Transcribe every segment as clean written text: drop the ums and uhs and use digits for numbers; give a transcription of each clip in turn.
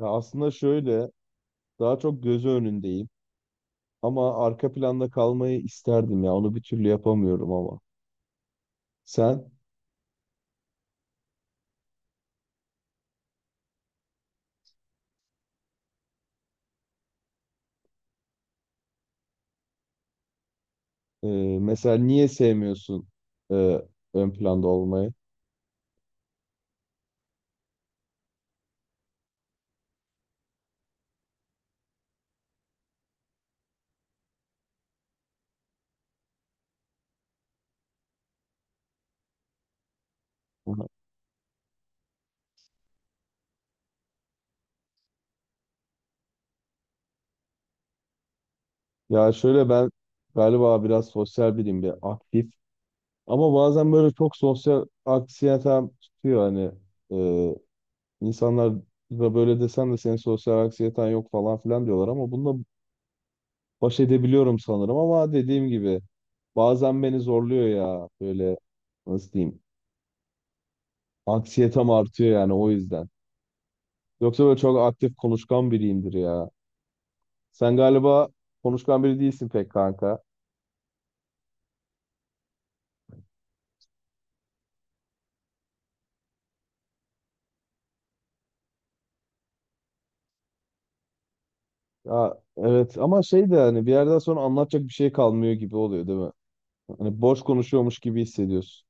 Ya aslında şöyle, daha çok gözü önündeyim. Ama arka planda kalmayı isterdim ya. Onu bir türlü yapamıyorum ama. Sen e, mesela niye sevmiyorsun e, ön planda olmayı? Ya şöyle ben galiba biraz sosyal biriyim, bir aktif. Ama bazen böyle çok sosyal anksiyetem tutuyor hani. E, insanlar da böyle desen de senin sosyal anksiyeten yok falan filan diyorlar ama bunda baş edebiliyorum sanırım ama dediğim gibi bazen beni zorluyor ya böyle nasıl diyeyim anksiyetem artıyor yani o yüzden. Yoksa böyle çok aktif konuşkan biriyimdir ya. Sen galiba konuşkan biri değilsin pek kanka. Ya evet ama şey de hani bir yerden sonra anlatacak bir şey kalmıyor gibi oluyor değil mi? Hani boş konuşuyormuş gibi hissediyorsun.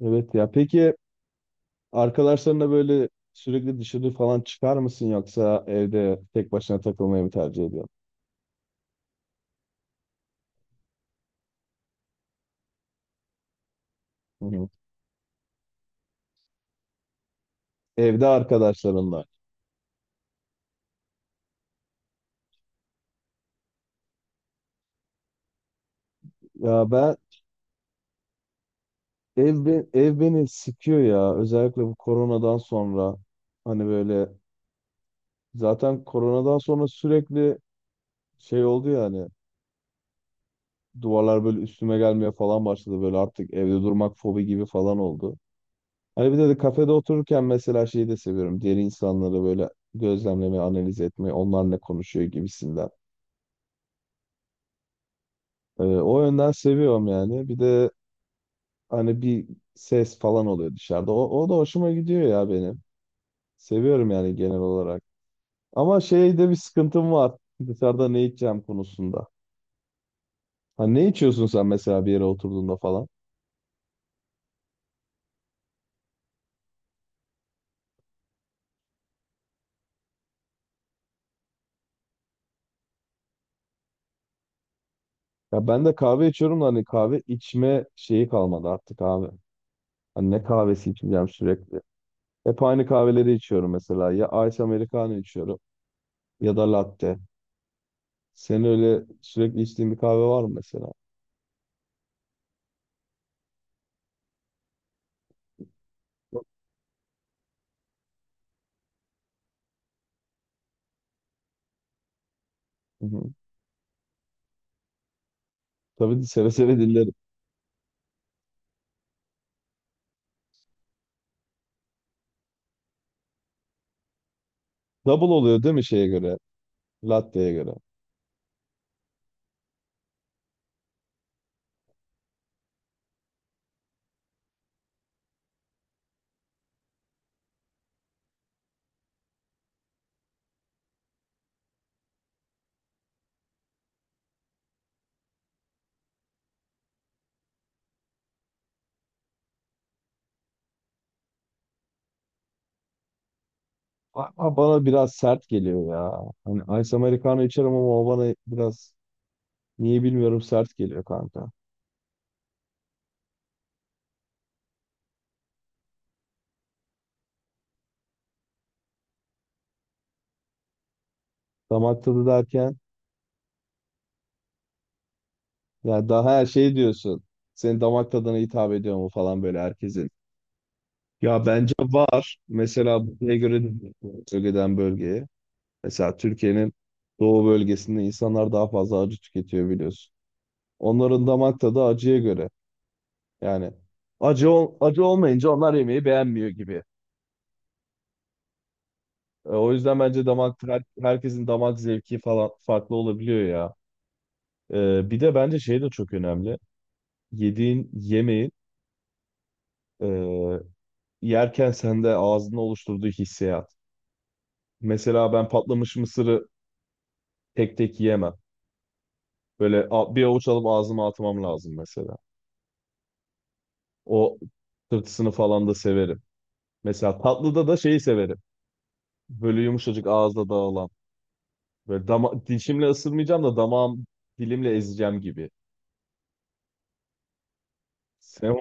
Evet ya peki arkadaşlarınla böyle sürekli dışarı falan çıkar mısın yoksa evde tek başına takılmayı mı tercih ediyorsun? Hı hı. Evde arkadaşlarınla. Ya ben ev beni sıkıyor ya özellikle bu koronadan sonra hani böyle zaten koronadan sonra sürekli şey oldu ya hani duvarlar böyle üstüme gelmeye falan başladı böyle artık evde durmak fobi gibi falan oldu. Hani bir de kafede otururken mesela şeyi de seviyorum diğer insanları böyle gözlemlemeyi analiz etmeyi onlar ne konuşuyor gibisinden. O yönden seviyorum yani bir de hani bir ses falan oluyor dışarıda o da hoşuma gidiyor ya benim. Seviyorum yani genel olarak. Ama şeyde bir sıkıntım var. Dışarıda ne içeceğim konusunda. Ha ne içiyorsun sen mesela bir yere oturduğunda falan? Ya ben de kahve içiyorum da hani kahve içme şeyi kalmadı artık abi. Hani ne kahvesi içeceğim sürekli. Hep aynı kahveleri içiyorum mesela. Ya Ice Americano içiyorum ya da latte. Senin öyle sürekli içtiğin bir kahve var mı mesela? Hı hı. Tabii seve seve dinlerim. Double oluyor değil mi şeye göre? Latte'ye göre. Ama bana biraz sert geliyor ya. Hani Ice Americano içerim ama o bana biraz niye bilmiyorum sert geliyor kanka. Damak tadı derken ya daha her şey diyorsun. Senin damak tadına hitap ediyor mu falan böyle herkesin. Ya bence var. Mesela buraya göre de bölgeden bölgeye. Mesela Türkiye'nin doğu bölgesinde insanlar daha fazla acı tüketiyor biliyorsun. Onların damak tadı acıya göre. Yani acı olmayınca onlar yemeği beğenmiyor gibi. O yüzden bence herkesin damak zevki falan farklı olabiliyor ya. E, bir de bence şey de çok önemli. Yediğin yemeğin e, yerken sende ağzında oluşturduğu hissiyat. Mesela ben patlamış mısırı tek tek yiyemem. Böyle bir avuç alıp ağzıma atmam lazım mesela. O tırtısını falan da severim. Mesela tatlıda da şeyi severim. Böyle yumuşacık ağızda dağılan. Böyle dama dişimle ısırmayacağım da damağım dilimle ezeceğim gibi. Sen-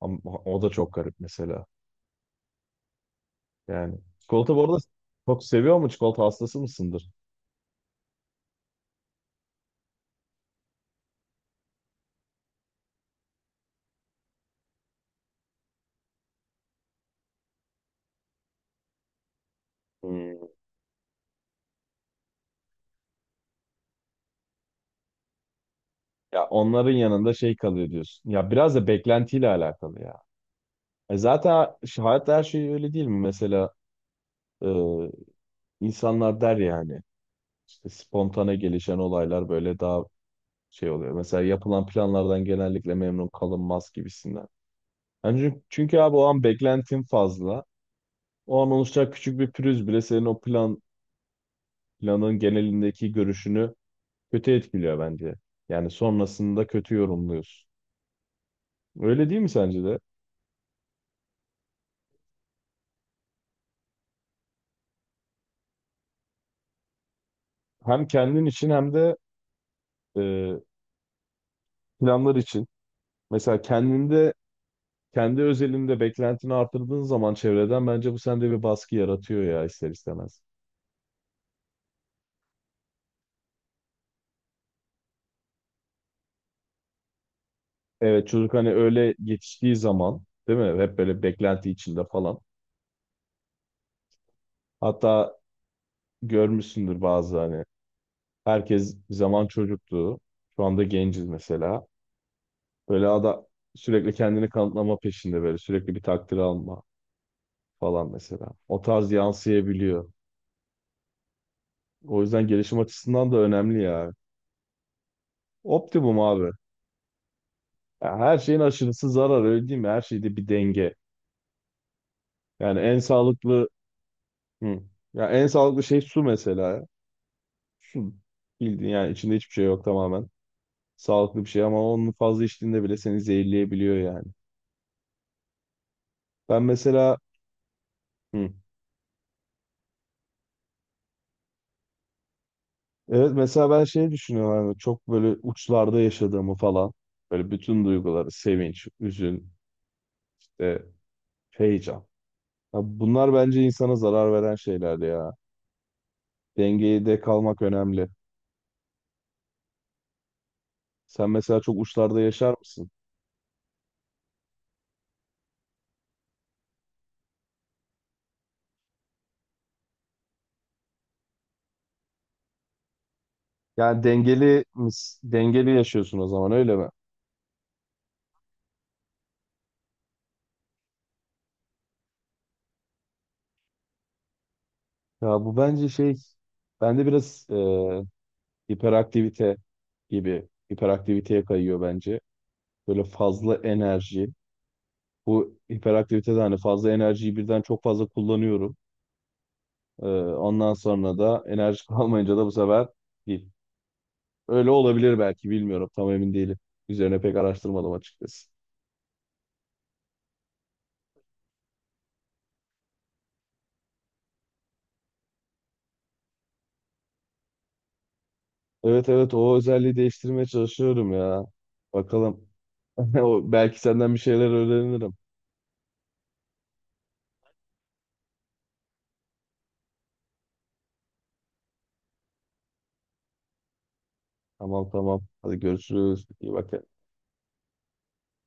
Ama o da çok garip mesela. Yani çikolata bu arada çok seviyor mu? Çikolata hastası mısındır? Hmm. Ya onların yanında şey kalıyor diyorsun. Ya biraz da beklentiyle alakalı ya. E zaten şu hayatta her şey öyle değil mi? Mesela e, insanlar der yani işte spontane gelişen olaylar böyle daha şey oluyor. Mesela yapılan planlardan genellikle memnun kalınmaz gibisinden. Yani çünkü abi o an beklentin fazla. O an oluşacak küçük bir pürüz bile senin o plan planın genelindeki görüşünü kötü etkiliyor bence. Yani sonrasında kötü yorumluyorsun. Öyle değil mi sence de? Hem kendin için hem de e, planlar için. Mesela kendinde, kendi özelinde beklentini artırdığın zaman çevreden bence bu sende bir baskı yaratıyor ya ister istemez. Evet çocuk hani öyle yetiştiği zaman değil mi? Hep böyle beklenti içinde falan. Hatta görmüşsündür bazı hani herkes bir zaman çocuktu. Şu anda genciz mesela. Böyle ada, sürekli kendini kanıtlama peşinde böyle sürekli bir takdir alma falan mesela. O tarz yansıyabiliyor. O yüzden gelişim açısından da önemli ya. Optimum abi. Ya her şeyin aşırısı zarar öyle değil mi? Her şeyde bir denge. Yani en sağlıklı hı. Ya en sağlıklı şey su mesela. Ya. Su bildiğin yani içinde hiçbir şey yok tamamen. Sağlıklı bir şey ama onun fazla içtiğinde bile seni zehirleyebiliyor yani. Ben mesela hı. Evet mesela ben şey düşünüyorum hani çok böyle uçlarda yaşadığımı falan. Böyle bütün duyguları sevinç, üzün, işte heyecan. Ya bunlar bence insana zarar veren şeyler ya. Dengeyi de kalmak önemli. Sen mesela çok uçlarda yaşar mısın? Yani dengeli yaşıyorsun o zaman öyle mi? Ya bu bence şey bende biraz hiperaktivite gibi hiperaktiviteye kayıyor bence. Böyle fazla enerji. Bu hiperaktivitede hani fazla enerjiyi birden çok fazla kullanıyorum. E, ondan sonra da enerji kalmayınca da bu sefer öyle olabilir belki bilmiyorum. Tam emin değilim. Üzerine pek araştırmadım açıkçası. Evet evet o özelliği değiştirmeye çalışıyorum ya. Bakalım. O- Belki senden bir şeyler öğrenirim. Tamam tamam. Hadi görüşürüz. İyi bak.